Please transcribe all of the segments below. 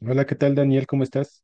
Hola, ¿qué tal, Daniel? ¿Cómo estás?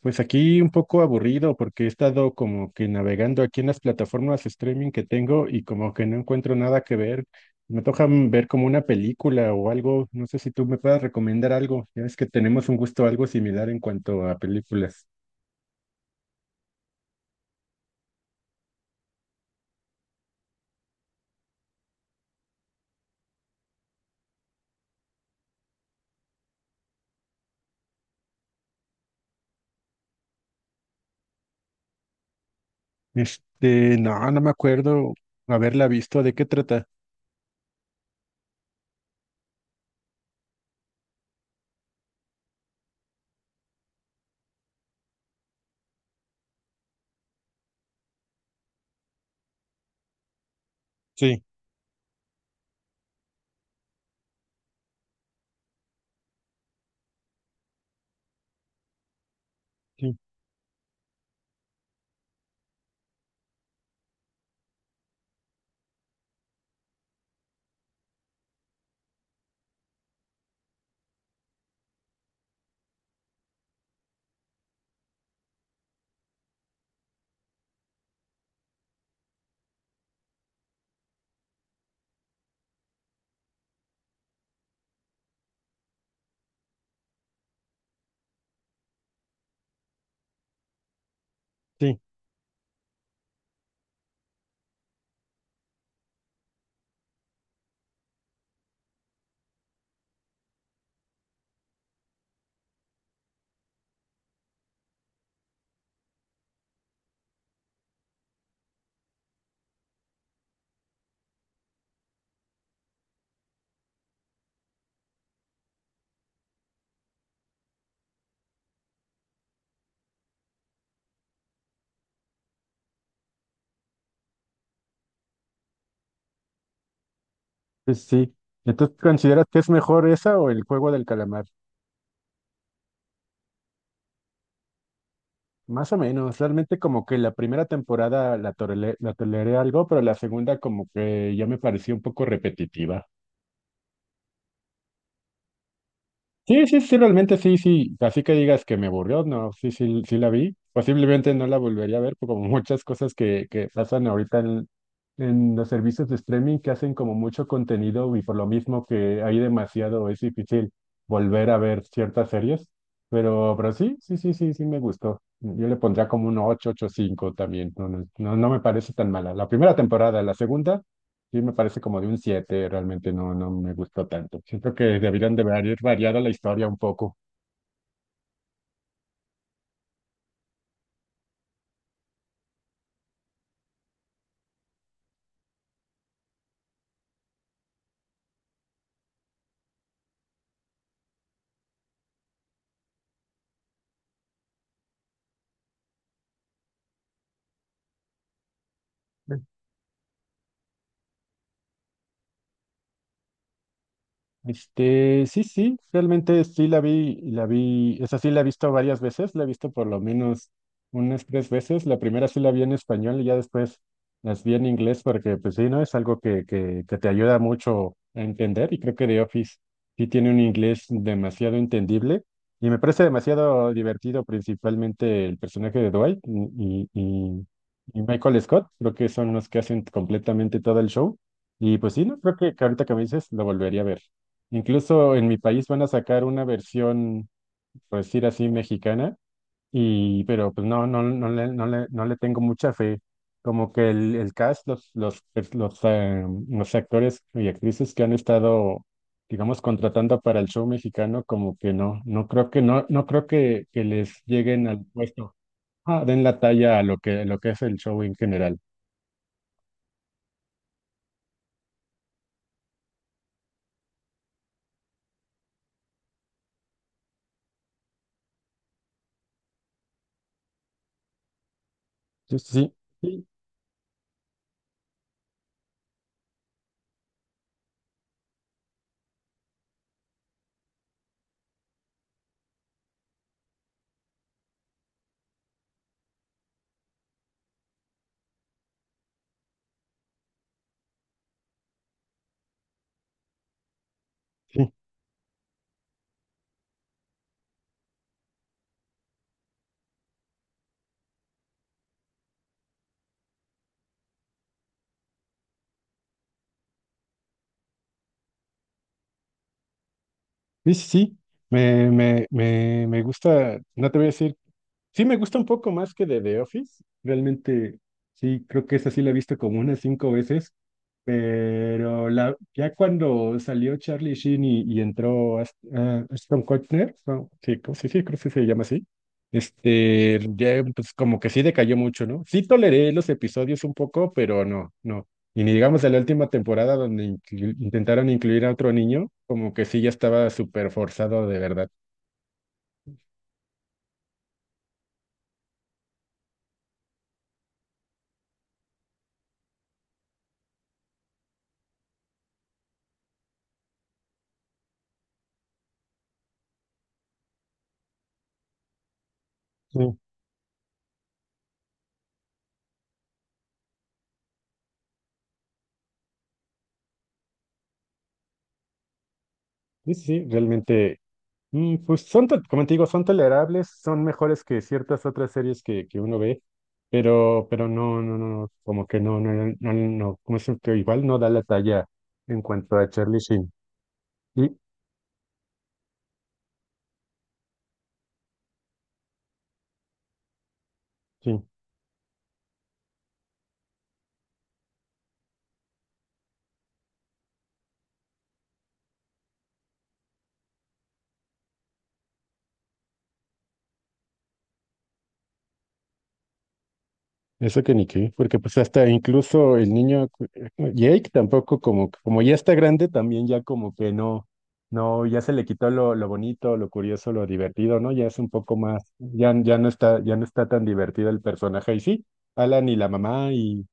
Pues aquí un poco aburrido porque he estado como que navegando aquí en las plataformas streaming que tengo y como que no encuentro nada que ver. Me toca ver como una película o algo. No sé si tú me puedas recomendar algo. Ya ves que tenemos un gusto algo similar en cuanto a películas. Este, no, no me acuerdo haberla visto. ¿De qué trata? Sí, sí, sí, pues sí. Entonces, ¿consideras que es mejor esa o el juego del calamar? Más o menos, realmente como que la primera temporada la toleré algo, pero la segunda como que ya me pareció un poco repetitiva. Sí, sí, sí, realmente sí, sí. Así que digas que me aburrió, no, sí, sí, sí la vi. Posiblemente no la volvería a ver, por como muchas cosas que pasan ahorita en los servicios de streaming que hacen como mucho contenido y por lo mismo que hay demasiado, es difícil volver a ver ciertas series. Pero sí, sí, sí, sí, sí me gustó. Yo le pondría como un 8, 8 5 también. No, no, no, no me parece tan mala. La primera temporada, la segunda. Sí, me parece como de un siete, realmente no, no me gustó tanto. Siento que deberían de haber variado la historia un poco. Este, sí, sí, realmente sí la vi, esa sí la he visto varias veces, la he visto por lo menos unas tres veces. La primera sí la vi en español y ya después las vi en inglés porque, pues sí, ¿no? Es algo que te ayuda mucho a entender, y creo que The Office sí tiene un inglés demasiado entendible y me parece demasiado divertido, principalmente el personaje de Dwight y Michael Scott. Creo que son los que hacen completamente todo el show. Y pues sí, no, creo que ahorita que me dices lo volvería a ver. Incluso en mi país van a sacar una versión, por decir así, mexicana, y pero pues no, no, no le tengo mucha fe. Como que el cast, los actores y actrices que han estado, digamos, contratando para el show mexicano, como que no, no creo que les lleguen al puesto, ah, den la talla a lo que es el show en general. Yo sí, sí, sí, sí, sí, sí, sí. Me gusta, no te voy a decir. Sí, me gusta un poco más que de The Office. Realmente, sí, creo que esa sí la he visto como unas cinco veces, pero ya cuando salió Charlie Sheen y entró Ashton Kutcher, no, sí, sí, creo que sí se llama así. Este, ya pues como que sí decayó mucho, ¿no? Sí toleré los episodios un poco, pero no, no. Y ni digamos de la última temporada donde intentaron incluir a otro niño, como que sí ya estaba súper forzado de verdad. Sí, sí, sí, realmente. Pues son, como te digo, son tolerables, son mejores que ciertas otras series que uno ve, pero no, no, no, como que no, no, no, no, no, como es que igual no da la talla en cuanto a Charlie Sheen. Y sí, eso que ni qué, porque pues hasta incluso el niño, Jake, tampoco, como, como ya está grande, también ya como que no, no, ya se le quitó lo bonito, lo curioso, lo divertido, ¿no? Ya es un poco más, ya, ya no está tan divertido el personaje y sí. Alan y la mamá y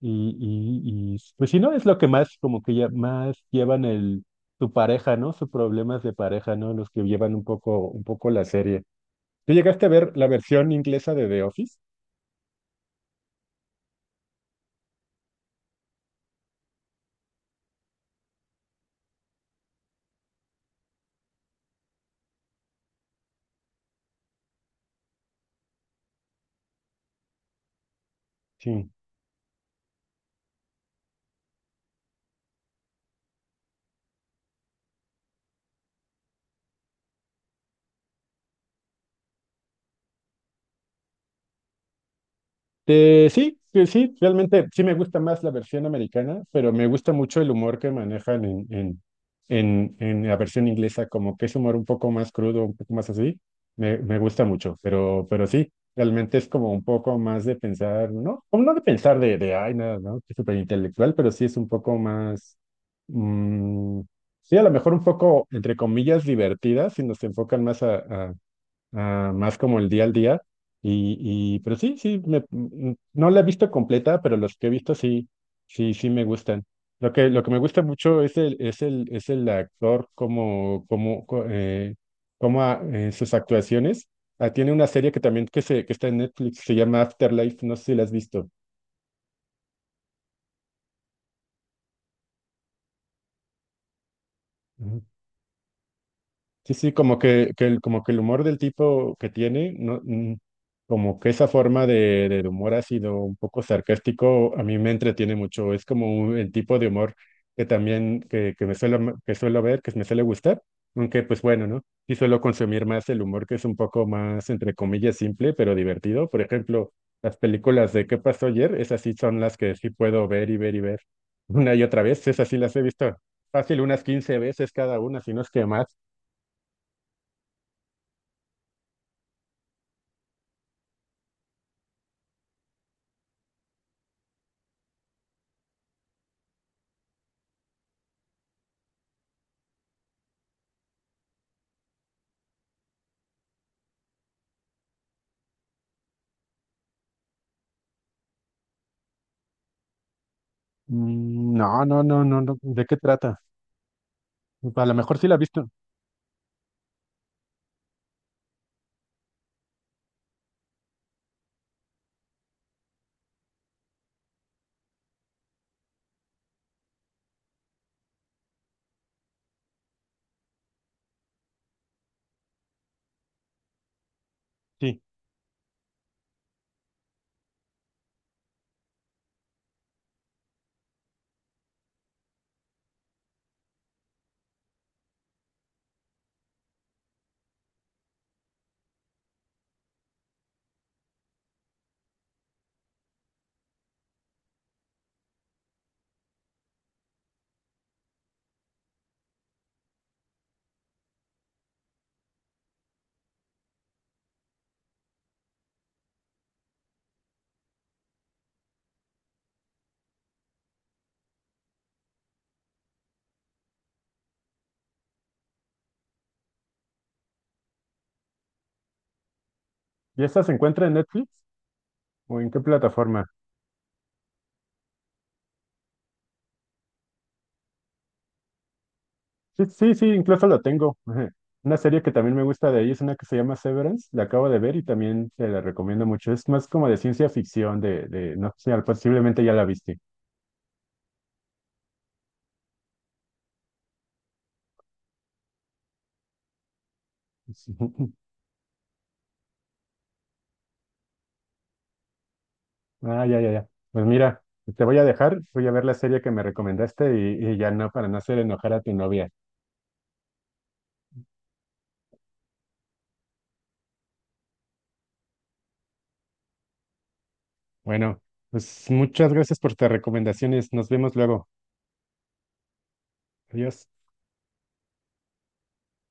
Y, y, y, pues si no, es lo que más, como que ya más llevan su pareja, ¿no? Sus problemas de pareja, ¿no? Los que llevan un poco la serie. ¿Tú llegaste a ver la versión inglesa de The Office? Sí. Sí, que sí, realmente sí me gusta más la versión americana, pero me gusta mucho el humor que manejan en la versión inglesa, como que es humor un poco más crudo, un poco más así, me gusta mucho, pero sí, realmente es como un poco más de pensar, ¿no? Como no de pensar de ay, nada, ¿no? Que es súper intelectual, pero sí es un poco más, mm, sí, a lo mejor un poco, entre comillas, divertida, si nos enfocan más a- más como el día al día. Y, y pero sí, sí, no la he visto completa, pero los que he visto sí, sí, sí me gustan. Lo que me gusta mucho es el actor como, en sus actuaciones. Ah, tiene una serie que también que está en Netflix, se llama Afterlife, no sé si la has visto. Sí, sí, como que el, como que el humor del tipo que tiene, no, como que esa forma del humor ácido, un poco sarcástico, a mí me entretiene mucho. Es como el tipo de humor que también, que me suelo ver, que me suele gustar, aunque pues bueno, ¿no? Sí suelo consumir más el humor que es un poco más, entre comillas, simple, pero divertido. Por ejemplo, las películas de ¿Qué pasó ayer? Esas sí son las que sí puedo ver y ver y ver una y otra vez. Esas sí las he visto fácil unas 15 veces cada una, si no es que más. Mm. No, no, no, no, no. ¿De qué trata? A lo mejor sí la he visto. Sí. ¿Y esa se encuentra en Netflix o en qué plataforma? Sí, sí, sí, incluso la tengo. Ajá. Una serie que también me gusta de ahí es una que se llama Severance. La acabo de ver y también te la recomiendo mucho. Es más como de ciencia ficción, de no sé, posiblemente ya la viste. Sí. Ah, ya, ya, ya. Pues mira, te voy a dejar, voy a ver la serie que me recomendaste y ya no, para no hacer enojar a tu novia. Bueno, pues muchas gracias por tus recomendaciones. Nos vemos luego. Adiós.